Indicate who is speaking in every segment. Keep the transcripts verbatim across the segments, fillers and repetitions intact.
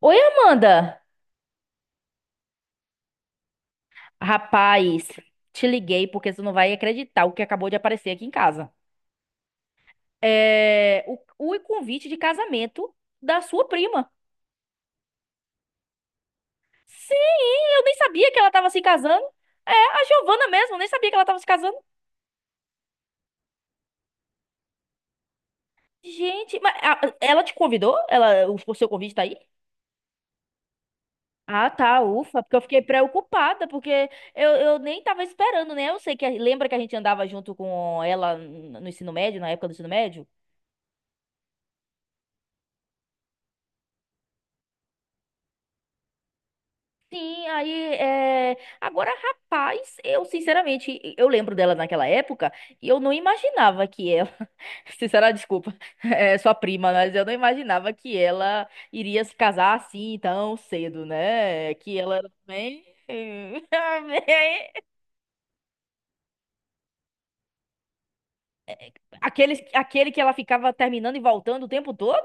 Speaker 1: Oi, Amanda! Rapaz, te liguei porque você não vai acreditar o que acabou de aparecer aqui em casa. É o, o convite de casamento da sua prima. Sim, eu nem sabia que ela tava se casando. É, a Giovana mesmo, eu nem sabia que ela tava se casando. Gente, mas a- ela te convidou? Ela, o, o seu convite tá aí? Ah, tá, ufa, porque eu fiquei preocupada, porque eu, eu nem tava esperando, né? Eu sei que, a- lembra que a gente andava junto com ela no ensino médio, na época do ensino médio? Sim, aí é... agora, rapaz, eu sinceramente, eu lembro dela naquela época e eu não imaginava que ela, sinceramente desculpa, é sua prima, mas eu não imaginava que ela iria se casar assim tão cedo, né? Que ela era bem, aquele, aquele que ela ficava terminando e voltando o tempo todo?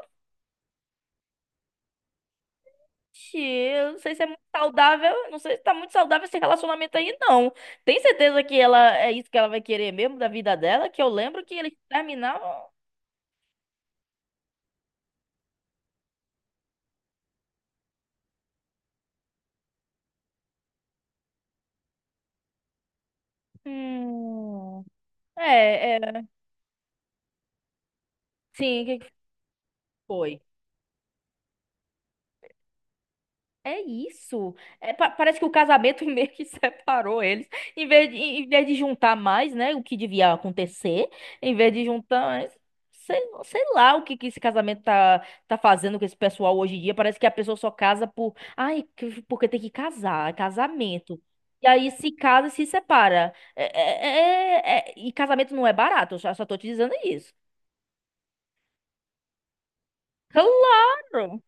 Speaker 1: Ixi, eu não sei se é muito saudável, não sei se tá muito saudável esse relacionamento aí, não. Tem certeza que ela é isso que ela vai querer mesmo da vida dela? Que eu lembro que eles terminavam. Hum, é, é. Sim, o que que foi? É isso. É, pa- parece que o casamento meio que separou eles. Em vez de, em vez de juntar mais, né? O que devia acontecer. Em vez de juntar mais. Sei, sei lá o que, que esse casamento tá, tá fazendo com esse pessoal hoje em dia. Parece que a pessoa só casa por. Ai, que- porque tem que casar. É casamento. E aí se casa e se separa. É- é- é- é- e casamento não é barato. Eu só, só tô te dizendo isso. Claro!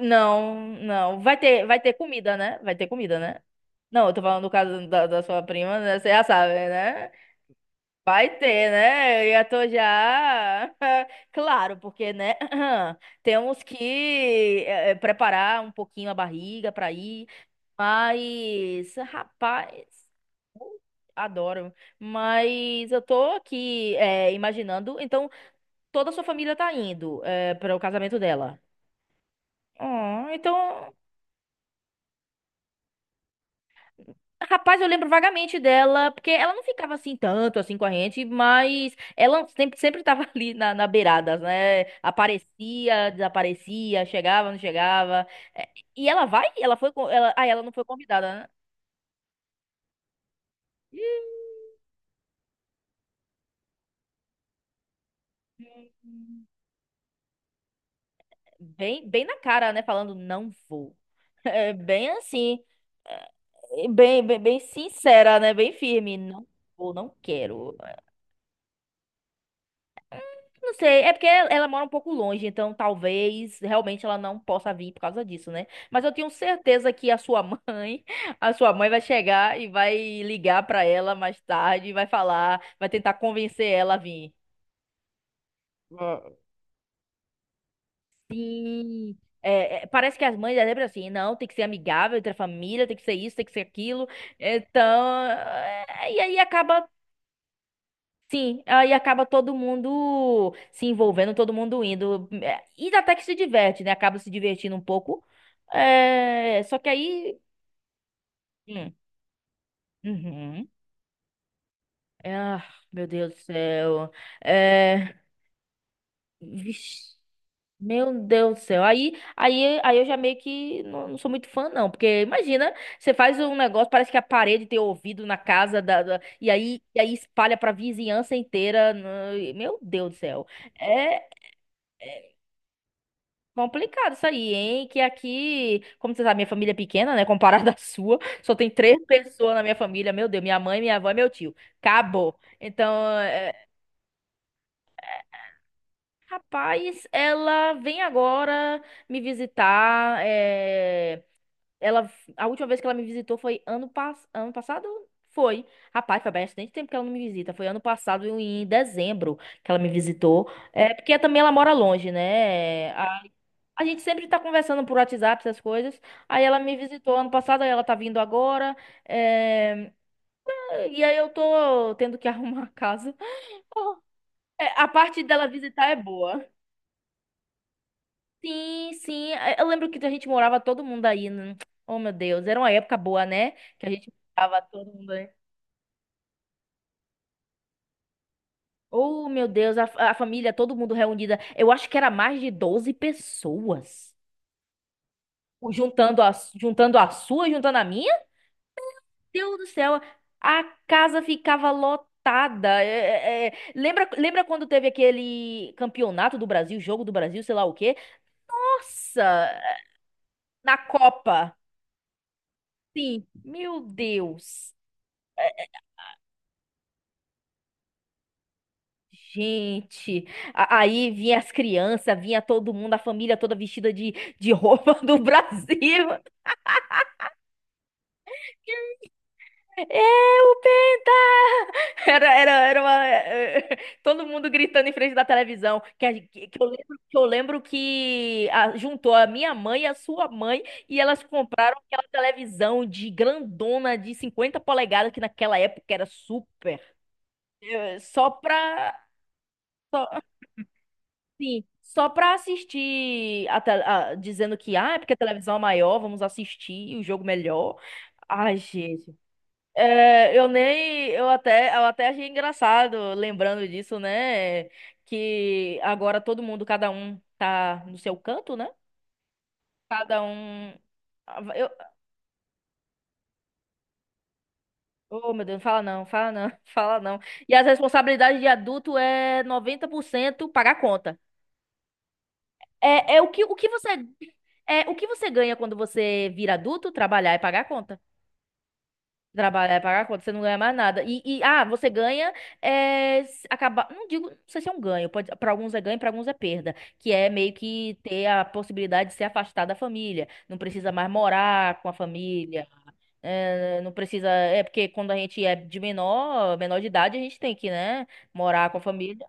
Speaker 1: Não, não. Vai ter, vai ter comida, né? Vai ter comida, né? Não, eu tô falando do caso da, da sua prima, né? Você já sabe, né? Vai ter, né? Eu já tô já. Claro, porque, né? Temos que eh, eh, preparar um pouquinho a barriga pra ir. Mas, rapaz, eu adoro. Mas eu tô aqui eh, imaginando. Então, toda a sua família tá indo eh, para o casamento dela. Ah, então. Rapaz, eu lembro vagamente dela, porque ela não ficava assim tanto assim com a gente, mas ela sempre, sempre tava ali na, na beirada, né? Aparecia, desaparecia, chegava, não chegava. É, e ela vai? Ela foi, co- ela, ah, ela não foi convidada, né? Ih, bem, bem na cara, né? Falando, não vou. É bem assim, bem, bem, bem sincera, né? Bem firme, não vou, não quero. Não sei, é porque ela ela mora um pouco longe, então talvez realmente ela não possa vir por causa disso, né? Mas eu tenho certeza que a sua mãe, a sua mãe vai chegar e vai ligar pra ela mais tarde, e vai falar, vai tentar convencer ela a vir. Ah, sim. É, é, parece que as mães é sempre assim, não, tem que ser amigável entre a família, tem que ser isso, tem que ser aquilo. Então, é, e aí acaba. Sim, aí acaba todo mundo se envolvendo, todo mundo indo. É, e até que se diverte, né? Acaba se divertindo um pouco. É, só que aí. Hum, uhum. É, ah, meu Deus do céu. É, vixe, meu Deus do céu. Aí, aí, aí eu já meio que não, não sou muito fã, não. Porque imagina, você faz um negócio, parece que a parede tem ouvido na casa da, da- e aí, e aí espalha pra vizinhança inteira, né? Meu Deus do céu. É. Complicado isso aí, hein? Que aqui, como você sabe, minha família é pequena, né? Comparada à sua, só tem três pessoas na minha família. Meu Deus, minha mãe, minha avó e meu tio. Acabou. Então, é, rapaz, ela vem agora me visitar. é, Ela, a última vez que ela me visitou foi ano, pass... ano passado? Foi. Rapaz, foi bastante tempo que ela não me visita. Foi ano passado, em dezembro, que ela me visitou. É porque também ela mora longe, né? A gente sempre tá conversando por WhatsApp, essas coisas. Aí ela me visitou ano passado, aí ela tá vindo agora. eh, E aí eu tô tendo que arrumar a casa. É, a parte dela visitar é boa. Sim, sim. É, eu lembro que a gente morava todo mundo aí, né? Oh, meu Deus. Era uma época boa, né? Que a gente morava todo mundo aí. Oh, meu Deus. A, a família, todo mundo reunida. Eu acho que era mais de doze pessoas. Juntando a, juntando a sua, juntando a minha. Deus do céu, a casa ficava lotada. É, é, é. Lembra, lembra quando teve aquele campeonato do Brasil, jogo do Brasil, sei lá o quê? Nossa, na Copa. Sim, meu Deus. Gente, a- aí vinha as crianças, vinha todo mundo, a família toda vestida de, de roupa do Brasil. É o Penta! Era, era, era uma... Todo mundo gritando em frente da televisão. Que, a- que, que eu lembro, que eu lembro que a- juntou a minha mãe e a sua mãe e elas compraram aquela televisão de grandona de cinquenta polegadas, que naquela época era super. eh, Só pra... Só, assim, só pra assistir, a, te- a- dizendo que, ah, é porque a televisão é maior, vamos assistir o jogo melhor. Ai, gente. É, eu nem, eu até, eu até achei engraçado lembrando disso, né? Que agora todo mundo, cada um tá no seu canto, né? Cada um. Ah, Eu, oh, meu Deus, fala não, fala não, fala não. E as responsabilidades de adulto é noventa por cento pagar conta. É, é o que, o que você, é o que você ganha quando você vira adulto? Trabalhar e pagar conta. Trabalhar é pagar a conta, você não ganha mais nada. E, e, ah, você ganha é, acabar. Não digo, não sei se é um ganho. Pode, para alguns é ganho, para alguns é perda. Que é meio que ter a possibilidade de se afastar da família. Não precisa mais morar com a família. É, não precisa. É porque quando a gente é de menor, menor de idade, a gente tem que, né, morar com a família.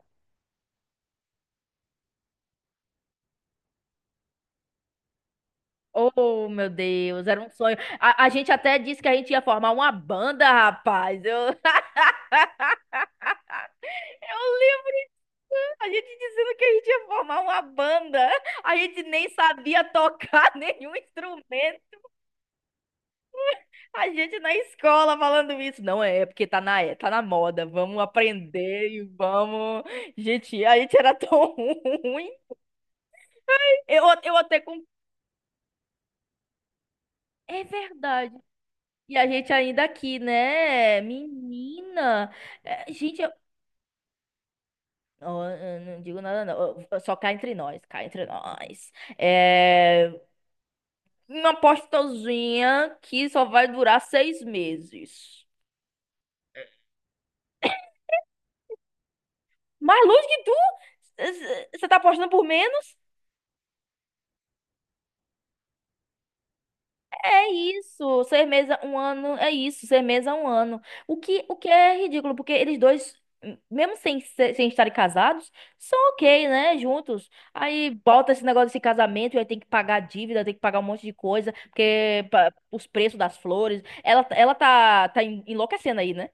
Speaker 1: Oh, meu Deus, era um sonho. A, a gente até disse que a gente ia formar uma banda, rapaz. Eu, eu lembro. A gente dizendo que a gente ia formar uma banda, a gente nem sabia tocar nenhum instrumento. A gente na escola falando isso. Não é, é porque tá na, é, tá na moda. Vamos aprender e vamos. Gente, a gente era tão ruim. Eu, eu até. Com... É verdade. E a gente ainda aqui, né? Menina. É, gente, eu... Ó, eu não digo nada, não. Ó, só cá entre nós, cá entre nós. É, uma apostazinha que só vai durar seis meses. Mais longe que tu? Você tá apostando por menos? É isso. Seis meses, um ano. É isso. Seis meses, um ano. O que, o que é ridículo, porque eles dois, m- mesmo sem, se- sem estarem casados, são ok, né? Juntos. Aí bota esse negócio desse casamento e aí tem que pagar dívida, tem que pagar um monte de coisa, porque pa- os preços das flores. Ela, ela tá, tá en- enlouquecendo aí, né?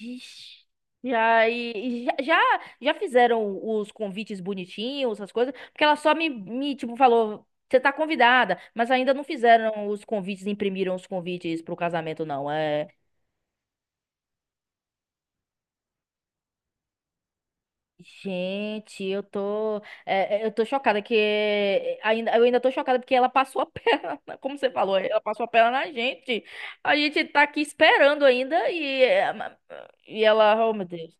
Speaker 1: Ixi. E aí, já, já, já fizeram os convites bonitinhos, essas coisas, porque ela só me, me tipo, falou, você tá convidada, mas ainda não fizeram os convites, imprimiram os convites pro casamento, não. É, gente, eu tô, é, é, eu tô chocada que, ainda, eu ainda tô chocada porque ela passou a perna, como você falou, ela passou a perna na gente. A gente tá aqui esperando ainda e, é, ma- e ela, oh meu Deus.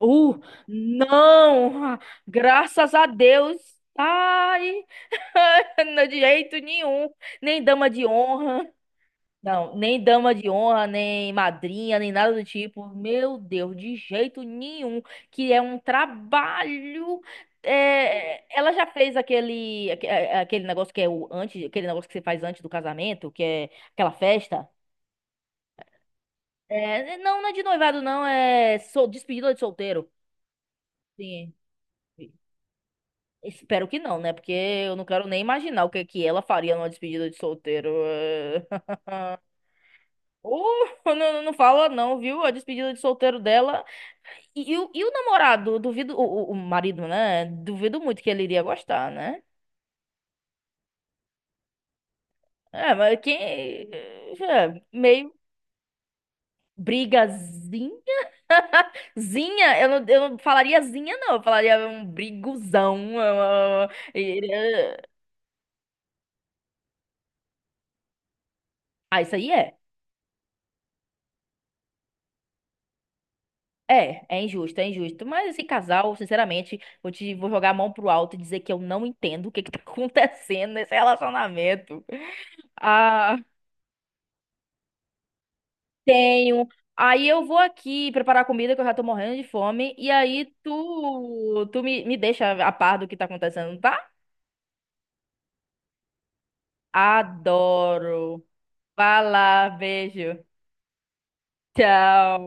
Speaker 1: Uh, não! Ah, graças a Deus! Ai, não de jeito nenhum! Nem dama de honra, não, nem dama de honra, nem madrinha, nem nada do tipo. Meu Deus, de jeito nenhum! Que é um trabalho. É, ela já fez aquele, aque- a- aquele negócio que é o antes, aquele negócio que você faz antes do casamento, que é aquela festa. É, não, não é de noivado, não, é sol, despedida de solteiro. Sim. Espero que não, né? Porque eu não quero nem imaginar o que que ela faria numa despedida de solteiro. Eh, Uh, não, não, não fala não, viu? A despedida de solteiro dela. E, e o, e o namorado, duvido, o, o o marido, né? Duvido muito que ele iria gostar, né? É, mas quem. eh, É, meio brigazinha. Zinha, eu não, eu não falaria zinha, não. Eu falaria um briguzão. eh, eh, eh. Ah, isso aí é. É, é injusto, é injusto. Mas esse casal, sinceramente, vou te vou jogar a mão pro alto e dizer que eu não entendo o que que tá acontecendo nesse relacionamento. Ah, tenho. Aí eu vou aqui preparar comida que eu já tô morrendo de fome e aí tu tu me, me deixa a par do que tá acontecendo, tá? Adoro. Vai lá, beijo. Tchau.